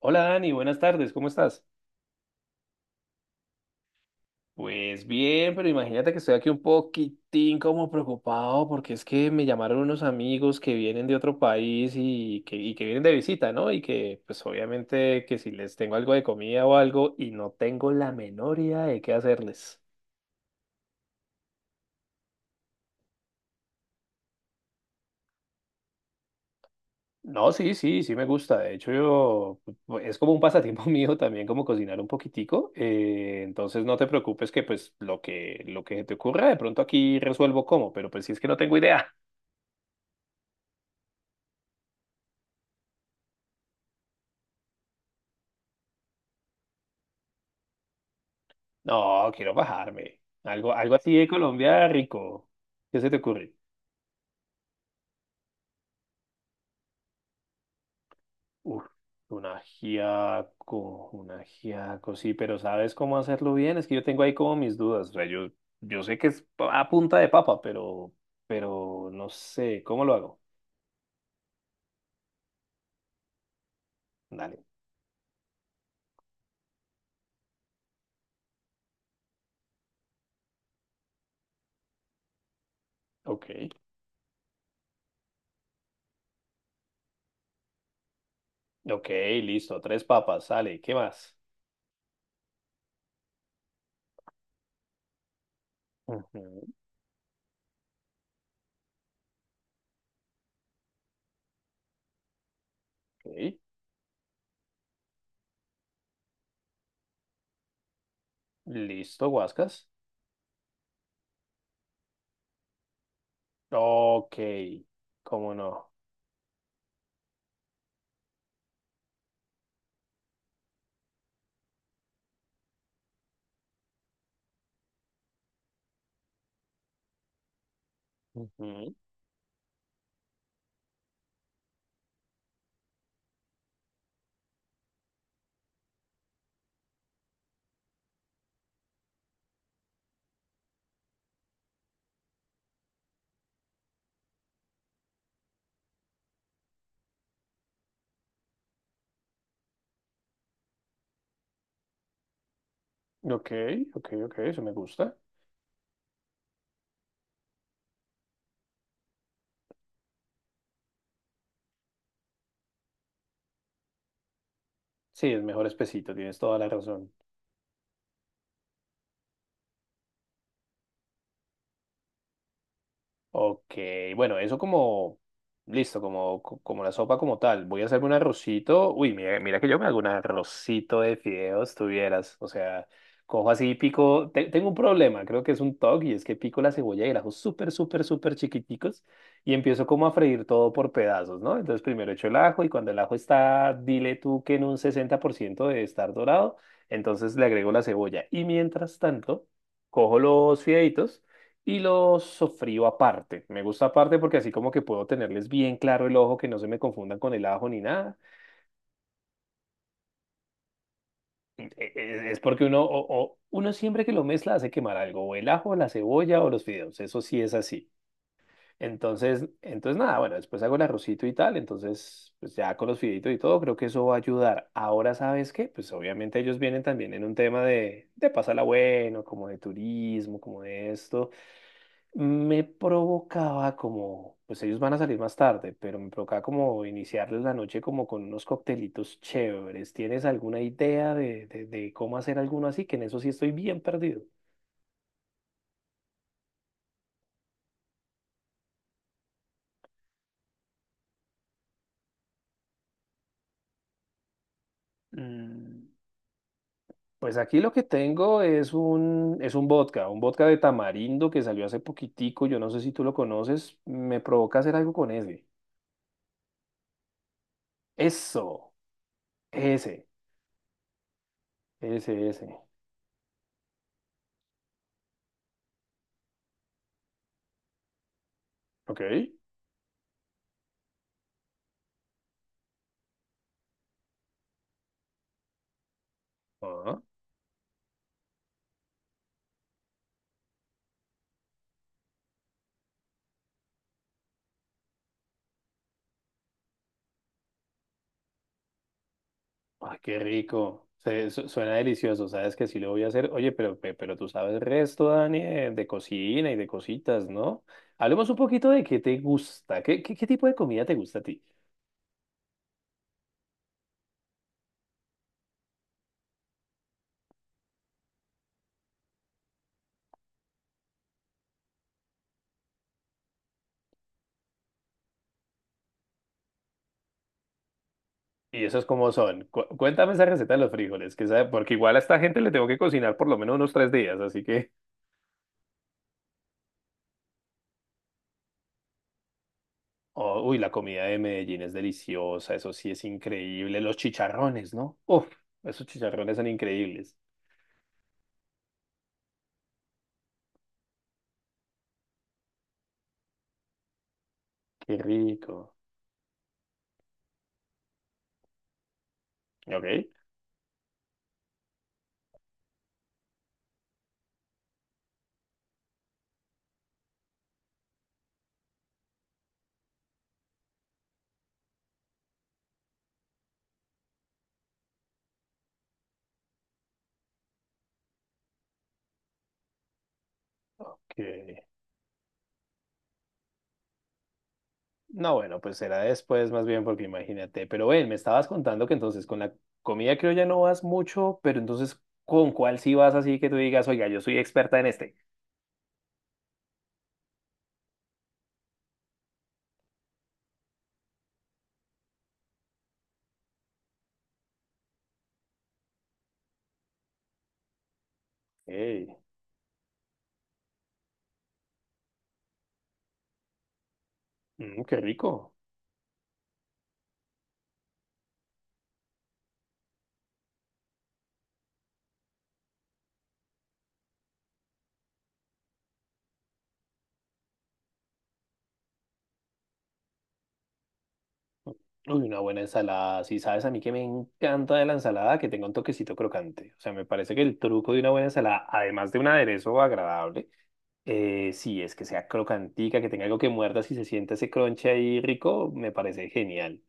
Hola Dani, buenas tardes, ¿cómo estás? Pues bien, pero imagínate que estoy aquí un poquitín como preocupado porque es que me llamaron unos amigos que vienen de otro país y que vienen de visita, ¿no? Y que pues obviamente que si les tengo algo de comida o algo y no tengo la menor idea de qué hacerles. No, sí, sí, sí me gusta. De hecho, yo pues, es como un pasatiempo mío también como cocinar un poquitico. Entonces no te preocupes que pues lo que se te ocurra de pronto aquí resuelvo cómo, pero pues si es que no tengo idea. No, quiero bajarme. Algo así de Colombia rico. ¿Qué se te ocurre? Uf, un ajiaco, sí, pero ¿sabes cómo hacerlo bien? Es que yo tengo ahí como mis dudas. O sea, yo sé que es a punta de papa, pero no sé, ¿cómo lo hago? Dale. Ok, ok, listo. Tres papas, sale. ¿Qué más? Ujú. Ok, listo, guascas. Ok, cómo no. Ujú. Ok, ok, ok, eso me gusta. Sí, es mejor espesito, tienes toda la razón. Ok, bueno, eso como, listo, como, como la sopa como tal. Voy a hacerme un arrocito. Uy, mira, mira que yo me hago un arrocito de fideos, tuvieras. O sea, cojo así, pico, tengo un problema, creo que es un TOC, y es que pico la cebolla y el ajo súper, súper, súper chiquiticos y empiezo como a freír todo por pedazos, ¿no? Entonces primero echo el ajo y cuando el ajo está, dile tú que en un 60% de estar dorado, entonces le agrego la cebolla. Y mientras tanto, cojo los fideitos y los sofrío aparte. Me gusta aparte porque así como que puedo tenerles bien claro el ojo, que no se me confundan con el ajo ni nada. Es porque uno, uno siempre que lo mezcla hace quemar algo, o el ajo, la cebolla o los fideos, eso sí es así. Entonces nada, bueno, después hago el arrocito y tal, entonces pues ya con los fideitos y todo, creo que eso va a ayudar. Ahora, ¿sabes qué? Pues obviamente ellos vienen también en un tema de, pásala bueno, como de turismo, como de esto. Me provocaba como, pues ellos van a salir más tarde, pero me provocaba como iniciarles la noche como con unos coctelitos chéveres. ¿Tienes alguna idea de cómo hacer alguno así? Que en eso sí estoy bien perdido. Mm, Pues aquí lo que tengo es un vodka de tamarindo que salió hace poquitico, yo no sé si tú lo conoces, me provoca hacer algo con ese. Eso, ese, ese, ese. Ok. Ay, qué rico. Suena delicioso, sabes que sí lo voy a hacer. Oye, pero tú sabes el resto, Dani, de cocina y de cositas, ¿no? Hablemos un poquito de qué te gusta, qué tipo de comida te gusta a ti. ¿Y esos cómo son? Cuéntame esa receta de los frijoles, que sabe, porque igual a esta gente le tengo que cocinar por lo menos unos 3 días, así que... Oh, uy, la comida de Medellín es deliciosa, eso sí es increíble. Los chicharrones, ¿no? Uf, esos chicharrones son increíbles. Qué rico. ¿Ok? Ok. No, bueno, pues será después más bien porque imagínate. Pero ven, me estabas contando que entonces con la comida creo ya no vas mucho, pero entonces ¿con cuál sí vas así que tú digas, oiga, yo soy experta en este? Ey, qué rico. Uy, una buena ensalada. Sí, sabes, a mí que me encanta de la ensalada que tenga un toquecito crocante. O sea, me parece que el truco de una buena ensalada, además de un aderezo agradable, sí, es que sea crocantica, que tenga algo que muerdas y se sienta ese crunch ahí rico, me parece genial.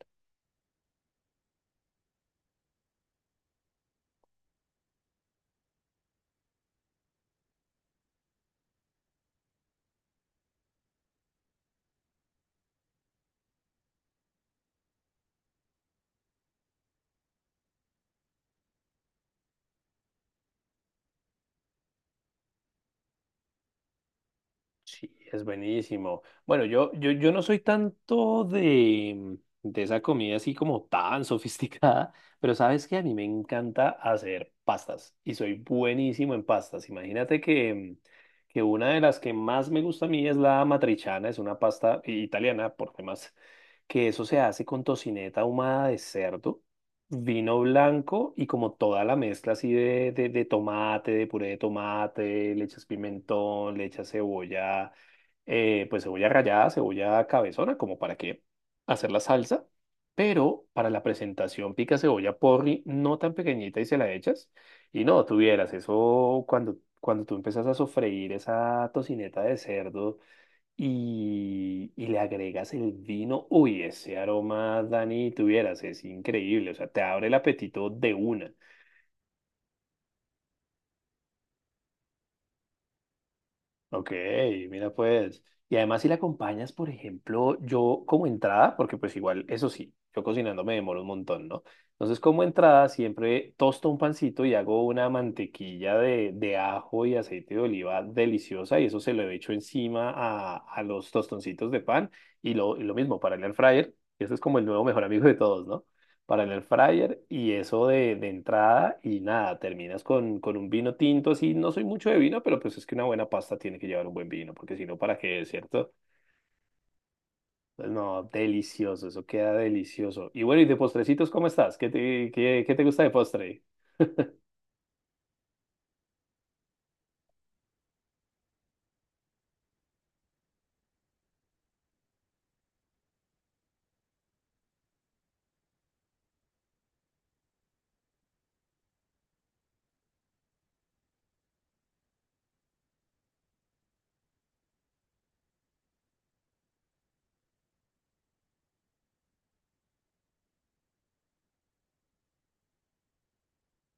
Sí, es buenísimo. Bueno, yo no soy tanto de esa comida así como tan sofisticada, pero sabes que a mí me encanta hacer pastas y soy buenísimo en pastas. Imagínate que una de las que más me gusta a mí es la matriciana, es una pasta italiana, por demás, que eso se hace con tocineta ahumada de cerdo, vino blanco y como toda la mezcla así de tomate, de puré de tomate, le echas pimentón, le echas cebolla, pues cebolla rallada, cebolla cabezona, como para que hacer la salsa, pero para la presentación pica cebolla porri, no tan pequeñita y se la echas. Y no, tuvieras eso cuando tú empiezas a sofreír esa tocineta de cerdo y le agregas el vino, uy, ese aroma, Dani, tuvieras, es increíble, o sea, te abre el apetito de una. Ok, mira pues. Y además si la acompañas, por ejemplo, yo como entrada, porque pues igual, eso sí, yo cocinando me demoro un montón, ¿no? Entonces como entrada siempre tosto un pancito y hago una mantequilla de ajo y aceite de oliva deliciosa y eso se lo echo encima a los tostoncitos de pan y lo mismo para el air fryer. Ese es como el nuevo mejor amigo de todos, ¿no? Para el air fryer y eso de entrada y nada, terminas con un vino tinto, así no soy mucho de vino, pero pues es que una buena pasta tiene que llevar un buen vino, porque si no, ¿para qué, cierto? Pues no, delicioso, eso queda delicioso. Y bueno, y de postrecitos, ¿cómo estás? ¿Qué te gusta de postre?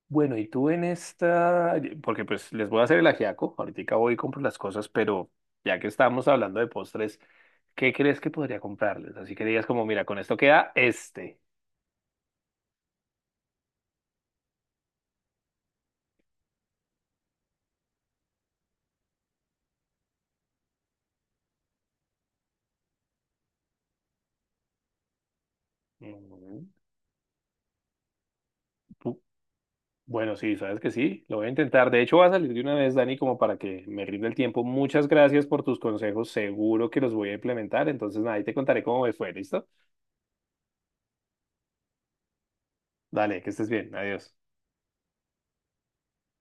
Bueno, y tú en esta, porque pues les voy a hacer el ajiaco, ahorita voy y compro las cosas, pero ya que estamos hablando de postres, ¿qué crees que podría comprarles? Así que digas como, mira, con esto queda este. Mm, ¿Tú, Bueno, sí, sabes que sí, lo voy a intentar. De hecho, va a salir de una vez, Dani, como para que me rinda el tiempo. Muchas gracias por tus consejos, seguro que los voy a implementar. Entonces, nada, ahí te contaré cómo me fue, ¿listo? Dale, que estés bien, adiós.